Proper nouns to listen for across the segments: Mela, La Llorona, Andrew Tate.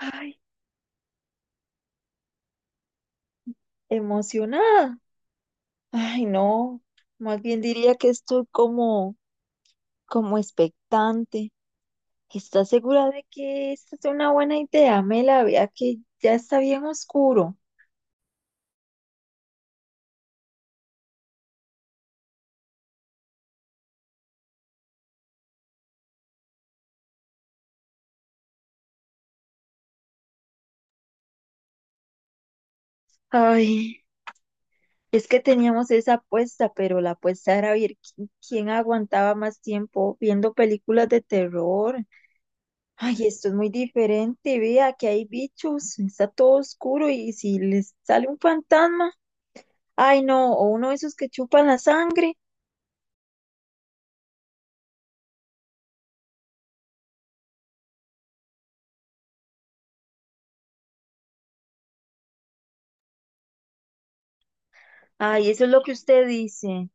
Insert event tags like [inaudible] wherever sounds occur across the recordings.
Ay, emocionada. Ay, no. Más bien diría que estoy como, como expectante. ¿Estás segura de que esta es una buena idea, Mela? Vea que ya está bien oscuro. Ay, es que teníamos esa apuesta, pero la apuesta era ver quién aguantaba más tiempo viendo películas de terror. Ay, esto es muy diferente. Vea que hay bichos, está todo oscuro y si les sale un fantasma, ay, no, o uno de esos que chupan la sangre. Ay, eso es lo que usted dice.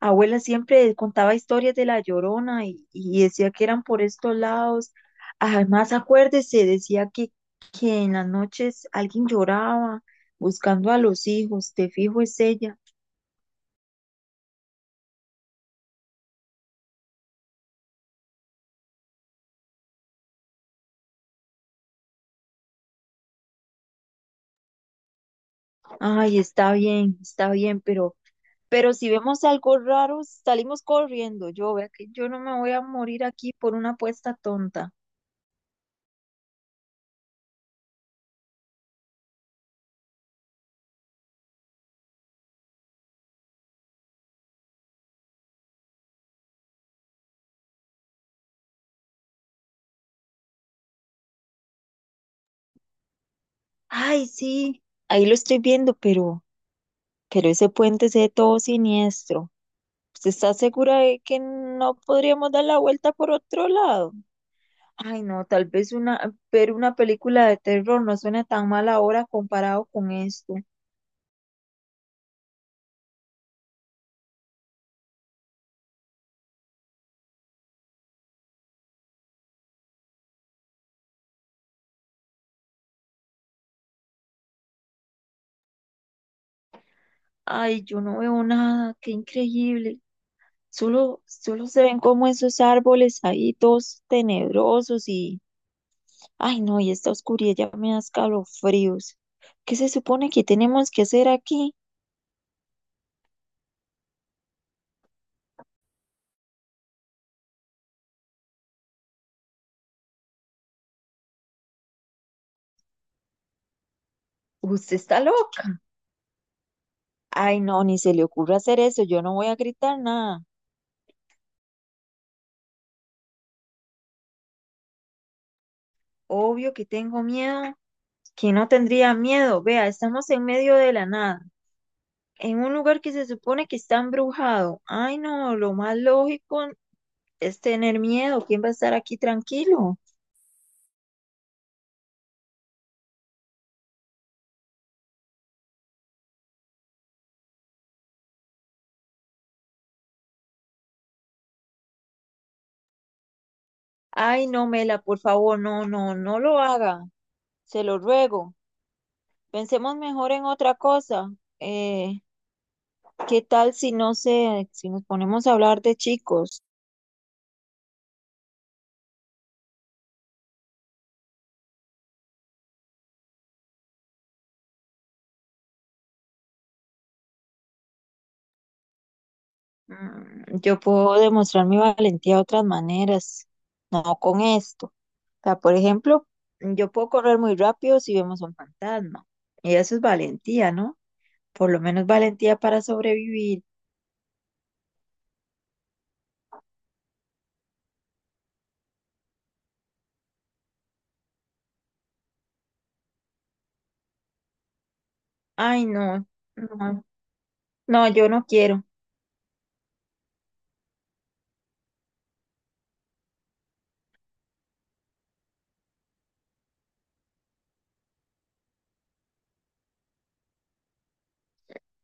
Abuela siempre contaba historias de La Llorona y decía que eran por estos lados. Además, acuérdese, que en las noches alguien lloraba buscando a los hijos. Te fijo, es ella. Ay, está bien, pero si vemos algo raro, salimos corriendo. Yo, vea que yo no me voy a morir aquí por una apuesta tonta. Ay, sí, ahí lo estoy viendo, pero ese puente se ve todo siniestro. ¿Usted está segura de que no podríamos dar la vuelta por otro lado? Ay, no, tal vez una, ver una película de terror no suena tan mal ahora comparado con esto. Ay, yo no veo nada, qué increíble. Solo se ven como esos árboles ahí todos tenebrosos y, ay, no, y esta oscuridad ya me da escalofríos. ¿Qué se supone que tenemos que hacer aquí? ¿Usted está loca? Ay, no, ni se le ocurra hacer eso, yo no voy a gritar nada. Obvio que tengo miedo. Que no tendría miedo. Vea, estamos en medio de la nada, en un lugar que se supone que está embrujado. Ay, no, lo más lógico es tener miedo. ¿Quién va a estar aquí tranquilo? Ay, no, Mela, por favor, no, no, no lo haga. Se lo ruego. Pensemos mejor en otra cosa. Eh, ¿Qué tal si no sé, si nos ponemos a hablar de chicos? Mm, yo puedo demostrar mi valentía de otras maneras, no con esto. O sea, por ejemplo, yo puedo correr muy rápido si vemos un fantasma. Y eso es valentía, ¿no? Por lo menos valentía para sobrevivir. Ay, no, no, no, yo no quiero.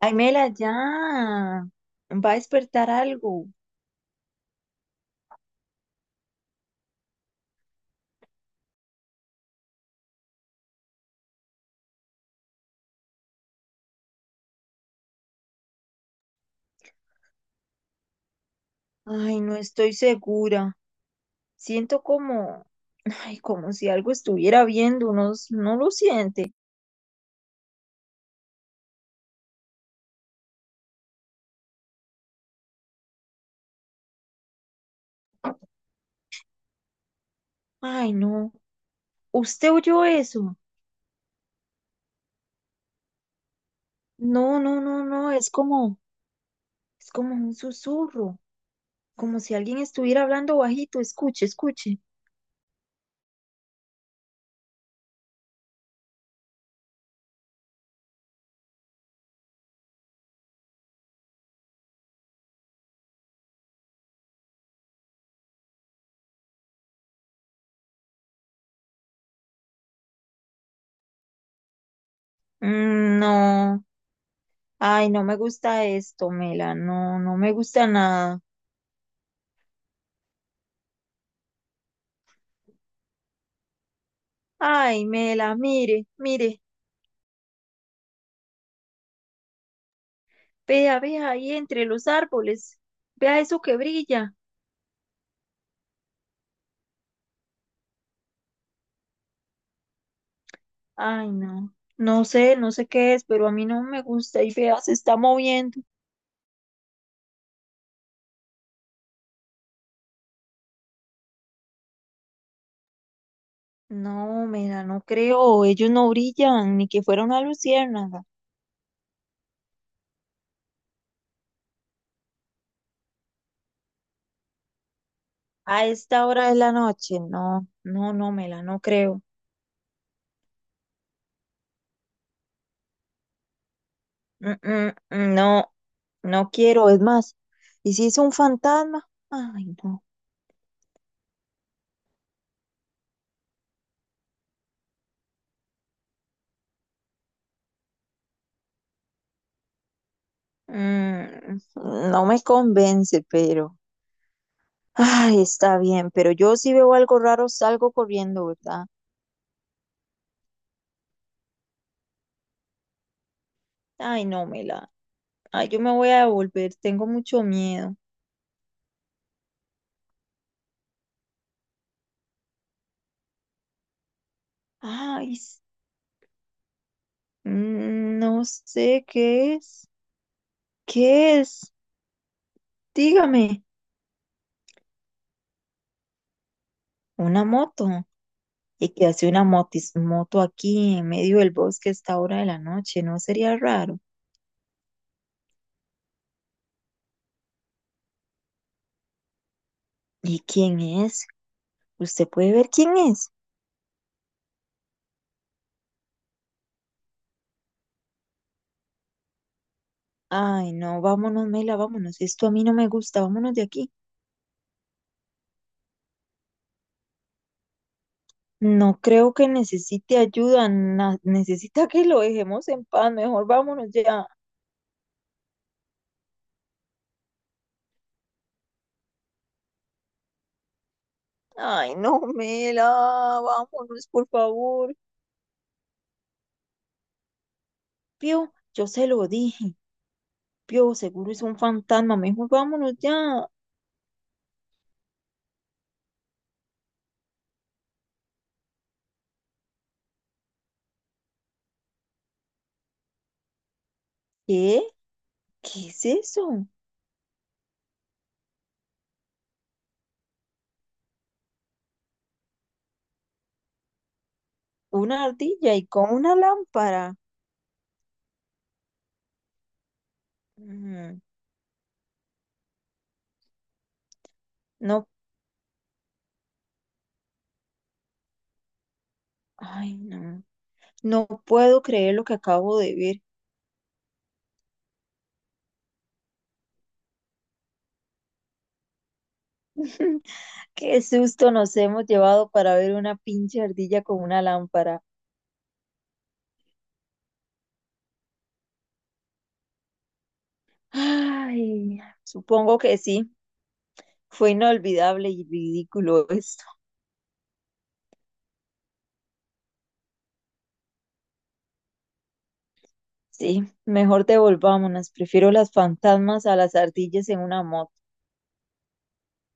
Ay, Mela, ya. Va a despertar algo. Ay, no estoy segura. Siento como, ay, como si algo estuviera viendo, no, no lo siente. Ay, no. ¿Usted oyó eso? No, no, no, no, es como un susurro, como si alguien estuviera hablando bajito, escuche, escuche. Mm, no, ay, no me gusta esto, Mela, no, no me gusta nada. Ay, Mela, mire, mire, vea, vea ahí entre los árboles, vea eso que brilla. Ay, no, no sé, no sé qué es, pero a mí no me gusta y vea, se está moviendo. No, Mela, no creo, ellos no brillan, ni que fuera una luciérnaga. A esta hora de la noche, no, no, no, Mela, no creo. Mm, mm, mm, no, no quiero, es más. ¿Y si es un fantasma? Ay, no. Mm, no me convence, pero. Ay, está bien, pero yo si veo algo raro salgo corriendo, ¿verdad? Ay, no, Mela. Ay, yo me voy a devolver, tengo mucho miedo. Ay, s- mm, no sé qué es. ¿Qué es? Dígame, una moto. Y que hace una moto aquí en medio del bosque a esta hora de la noche, ¿no sería raro? ¿Y quién es? ¿Usted puede ver quién es? Ay, no, vámonos, Mela, vámonos. Esto a mí no me gusta, vámonos de aquí. No creo que necesite ayuda, necesita que lo dejemos en paz, mejor vámonos ya. Ay, no, Mela, vámonos, por favor. Pío, yo se lo dije. Pío, seguro es un fantasma, mejor vámonos ya. ¿Qué? ¿Qué es eso? Una ardilla y con una lámpara. Mm, no, ay, no. No puedo creer lo que acabo de ver. [laughs] Qué susto nos hemos llevado para ver una pinche ardilla con una lámpara. Ay, supongo que sí. Fue inolvidable y ridículo esto. Sí, mejor devolvámonos. Prefiero las fantasmas a las ardillas en una moto.